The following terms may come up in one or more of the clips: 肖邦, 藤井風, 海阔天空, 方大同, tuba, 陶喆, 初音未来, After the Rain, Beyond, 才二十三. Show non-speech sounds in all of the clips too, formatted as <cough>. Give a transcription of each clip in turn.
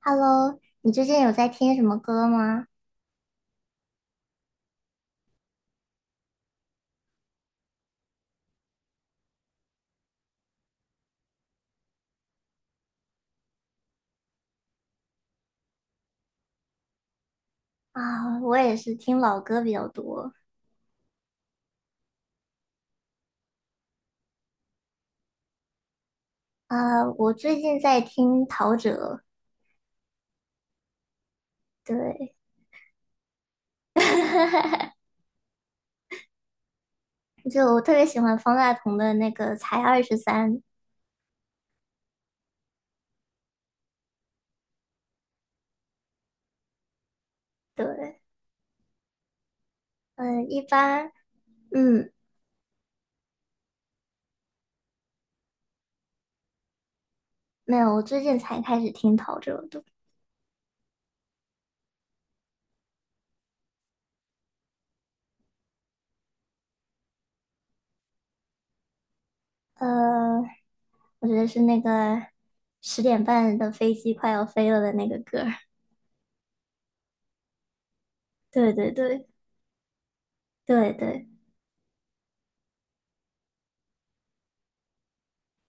Hello，你最近有在听什么歌吗？啊，我也是听老歌比较多。啊，我最近在听陶喆，对，<laughs> 就我特别喜欢方大同的那个《才二十三》。对，嗯，一般，嗯，没有，我最近才开始听陶喆的。呃，我觉得是那个十点半的飞机快要飞了的那个歌儿。 <laughs> 对对对，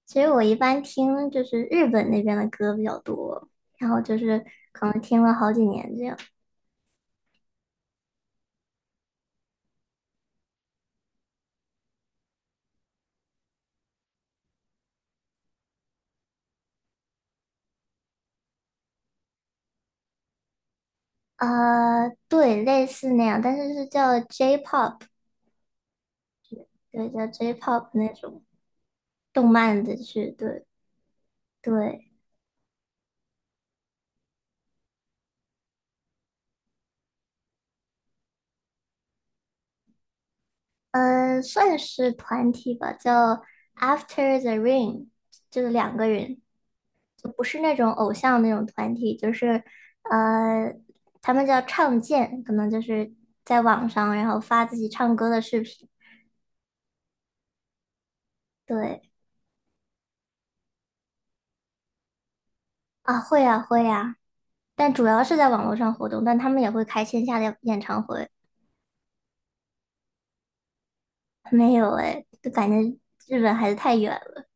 其实我一般听就是日本那边的歌比较多，然后就是可能听了好几年这样。呃，对，类似那样，但是是叫 J-pop，对，叫 J-pop 那种动漫的剧，对对，算是团体吧，叫 After the Rain，就是两个人，就不是那种偶像那种团体，呃，他们叫唱见，可能就是在网上然后发自己唱歌的视频。对，啊，会呀，会呀，但主要是在网络上活动，但他们也会开线下的演唱会。没有哎，就感觉日本还是太远了。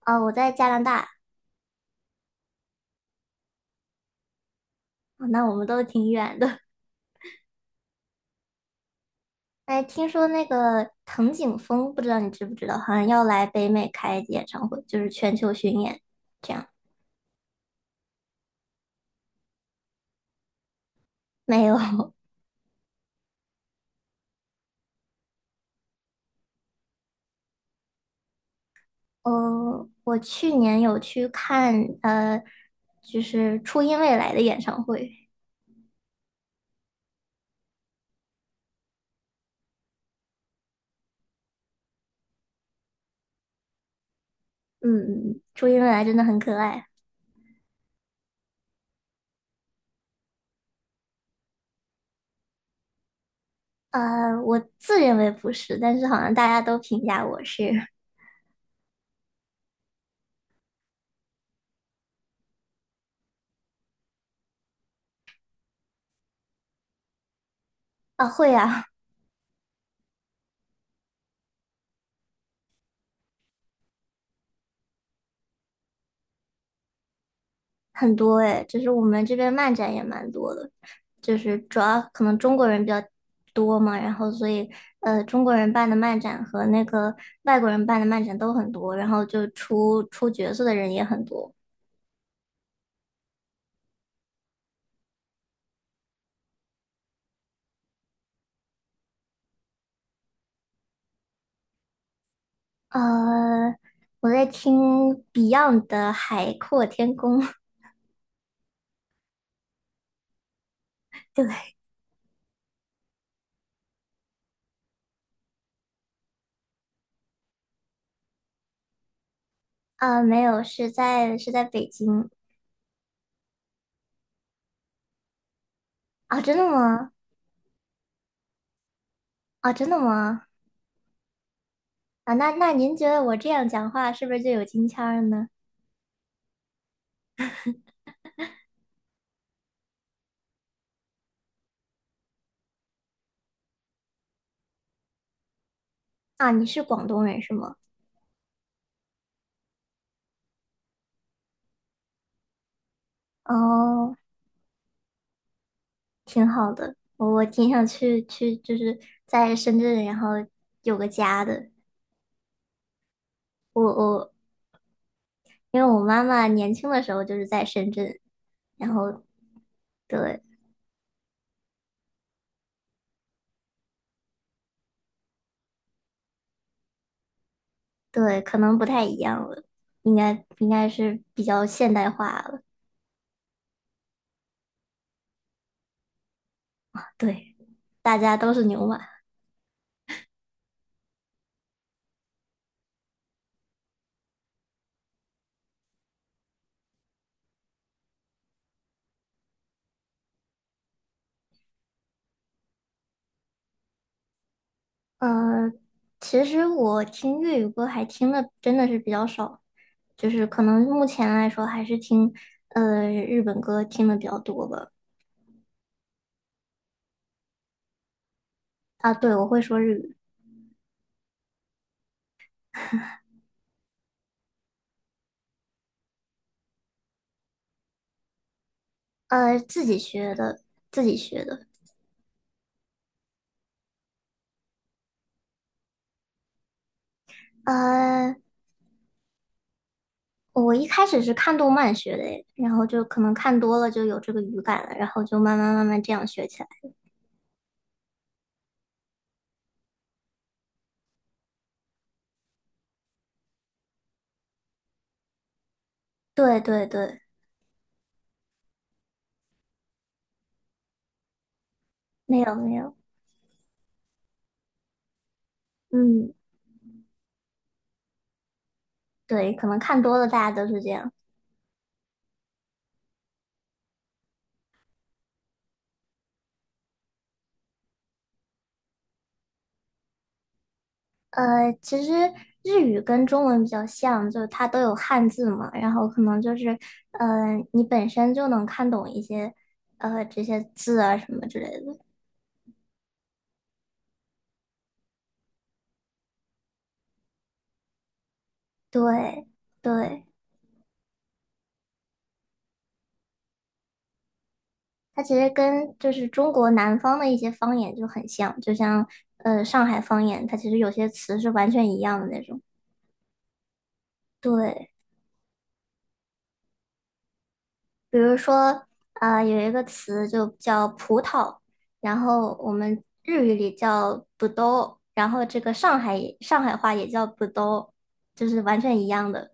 啊，我在加拿大，啊那我们都挺远的。哎，听说那个藤井风，不知道你知不知道，好像要来北美开演唱会，就是全球巡演这样。没有，<laughs> 我去年有去看，呃，就是初音未来的演唱会。嗯，嗯嗯初音未来真的很可爱。我自认为不是，但是好像大家都评价我是。啊，会啊，很多诶，就是我们这边漫展也蛮多的，就是主要可能中国人比较多嘛，然后所以中国人办的漫展和那个外国人办的漫展都很多，然后就出角色的人也很多。呃，我在听 Beyond 的《海阔天空》。<laughs> 对，啊，没有，是在北京。啊，真的吗？啊，真的吗？啊，那那您觉得我这样讲话是不是就有京腔儿呢？啊，你是广东人是吗？哦，挺好的，我挺想去去，就是在深圳，然后有个家的。我我因为我妈妈年轻的时候就是在深圳，然后对对，可能不太一样了，应该是比较现代化了。对，大家都是牛马。嗯、呃其实我听粤语歌还听的真的是比较少。就是可能目前来说还是听日本歌听的比较多吧。啊，对，我会说日语，呃，自己学的，自己学的。呃，我一开始是看动漫学的诶，然后就可能看多了就有这个语感了，然后就慢慢这样学起来。对对对，没有没有，嗯，对，可能看多了大家都是这样。其实日语跟中文比较像，就是它都有汉字嘛，然后可能就是，呃，你本身就能看懂一些，呃，这些字啊什么之。对对，它其实跟就是中国南方的一些方言就很像，就像上海方言，它其实有些词是完全一样的那种，对。比如说，呃，有一个词就叫葡萄，然后我们日语里叫ぶどう，然后这个上海话也叫ぶどう，就是完全一样的。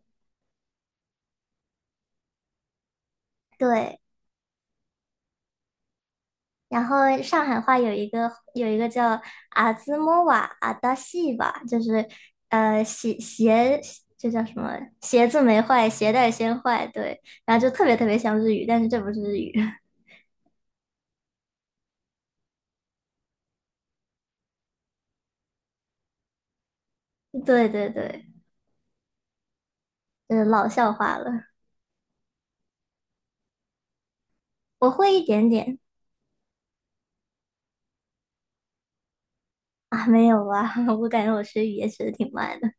对，然后上海话有一个叫阿兹莫瓦阿达西吧，就是鞋这叫什么？鞋子没坏，鞋带先坏。对，然后就特别特别像日语，但是这不是日语。<laughs> 对对对，就是老笑话了。我会一点点。<laughs> 啊，没有啊，<laughs> 我感觉我学语言学的挺慢的。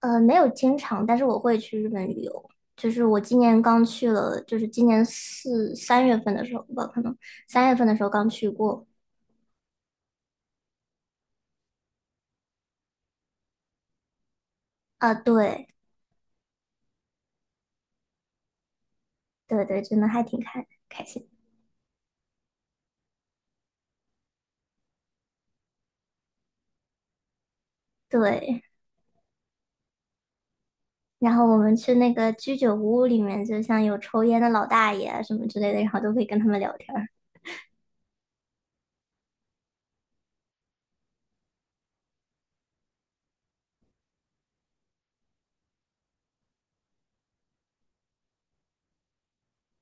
呃，没有经常，但是我会去日本旅游。就是我今年刚去了，就是今年三月份的时候吧，可能三月份的时候刚去过。啊，对对对，真的还挺开心。对，然后我们去那个居酒屋里面，就像有抽烟的老大爷啊什么之类的，然后都可以跟他们聊天儿。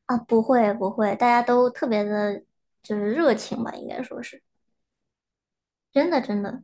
啊，不会不会，大家都特别的，就是热情吧，应该说是真的真的。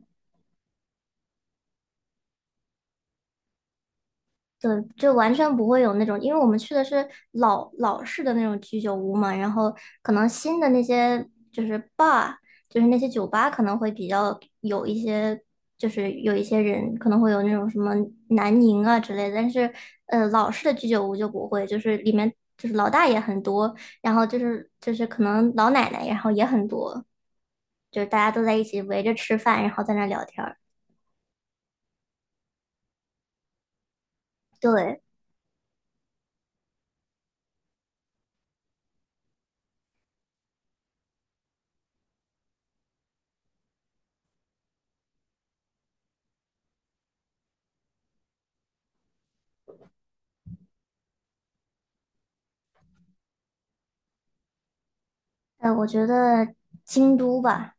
对，就完全不会有那种，因为我们去的是老式的那种居酒屋嘛，然后可能新的那些就是 bar，就是那些酒吧可能会比较有一些，就是有一些人可能会有那种什么南宁啊之类的，但是老式的居酒屋就不会，就是里面就是老大爷很多，然后就是可能老奶奶，然后也很多，就是大家都在一起围着吃饭，然后在那聊天儿。对，呃，我觉得京都吧。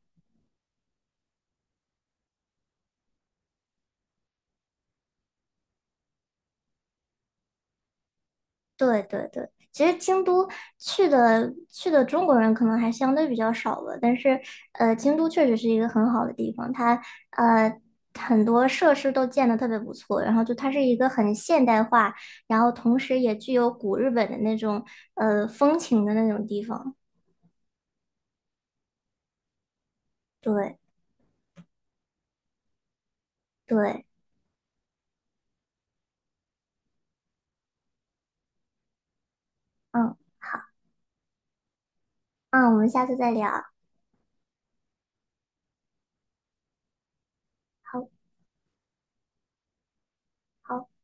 对对对，其实京都去的中国人可能还相对比较少吧，但是呃，京都确实是一个很好的地方，它呃很多设施都建的特别不错，然后就它是一个很现代化，然后同时也具有古日本的那种风情的那种地方。对对，嗯，好，嗯，我们下次再聊，好好。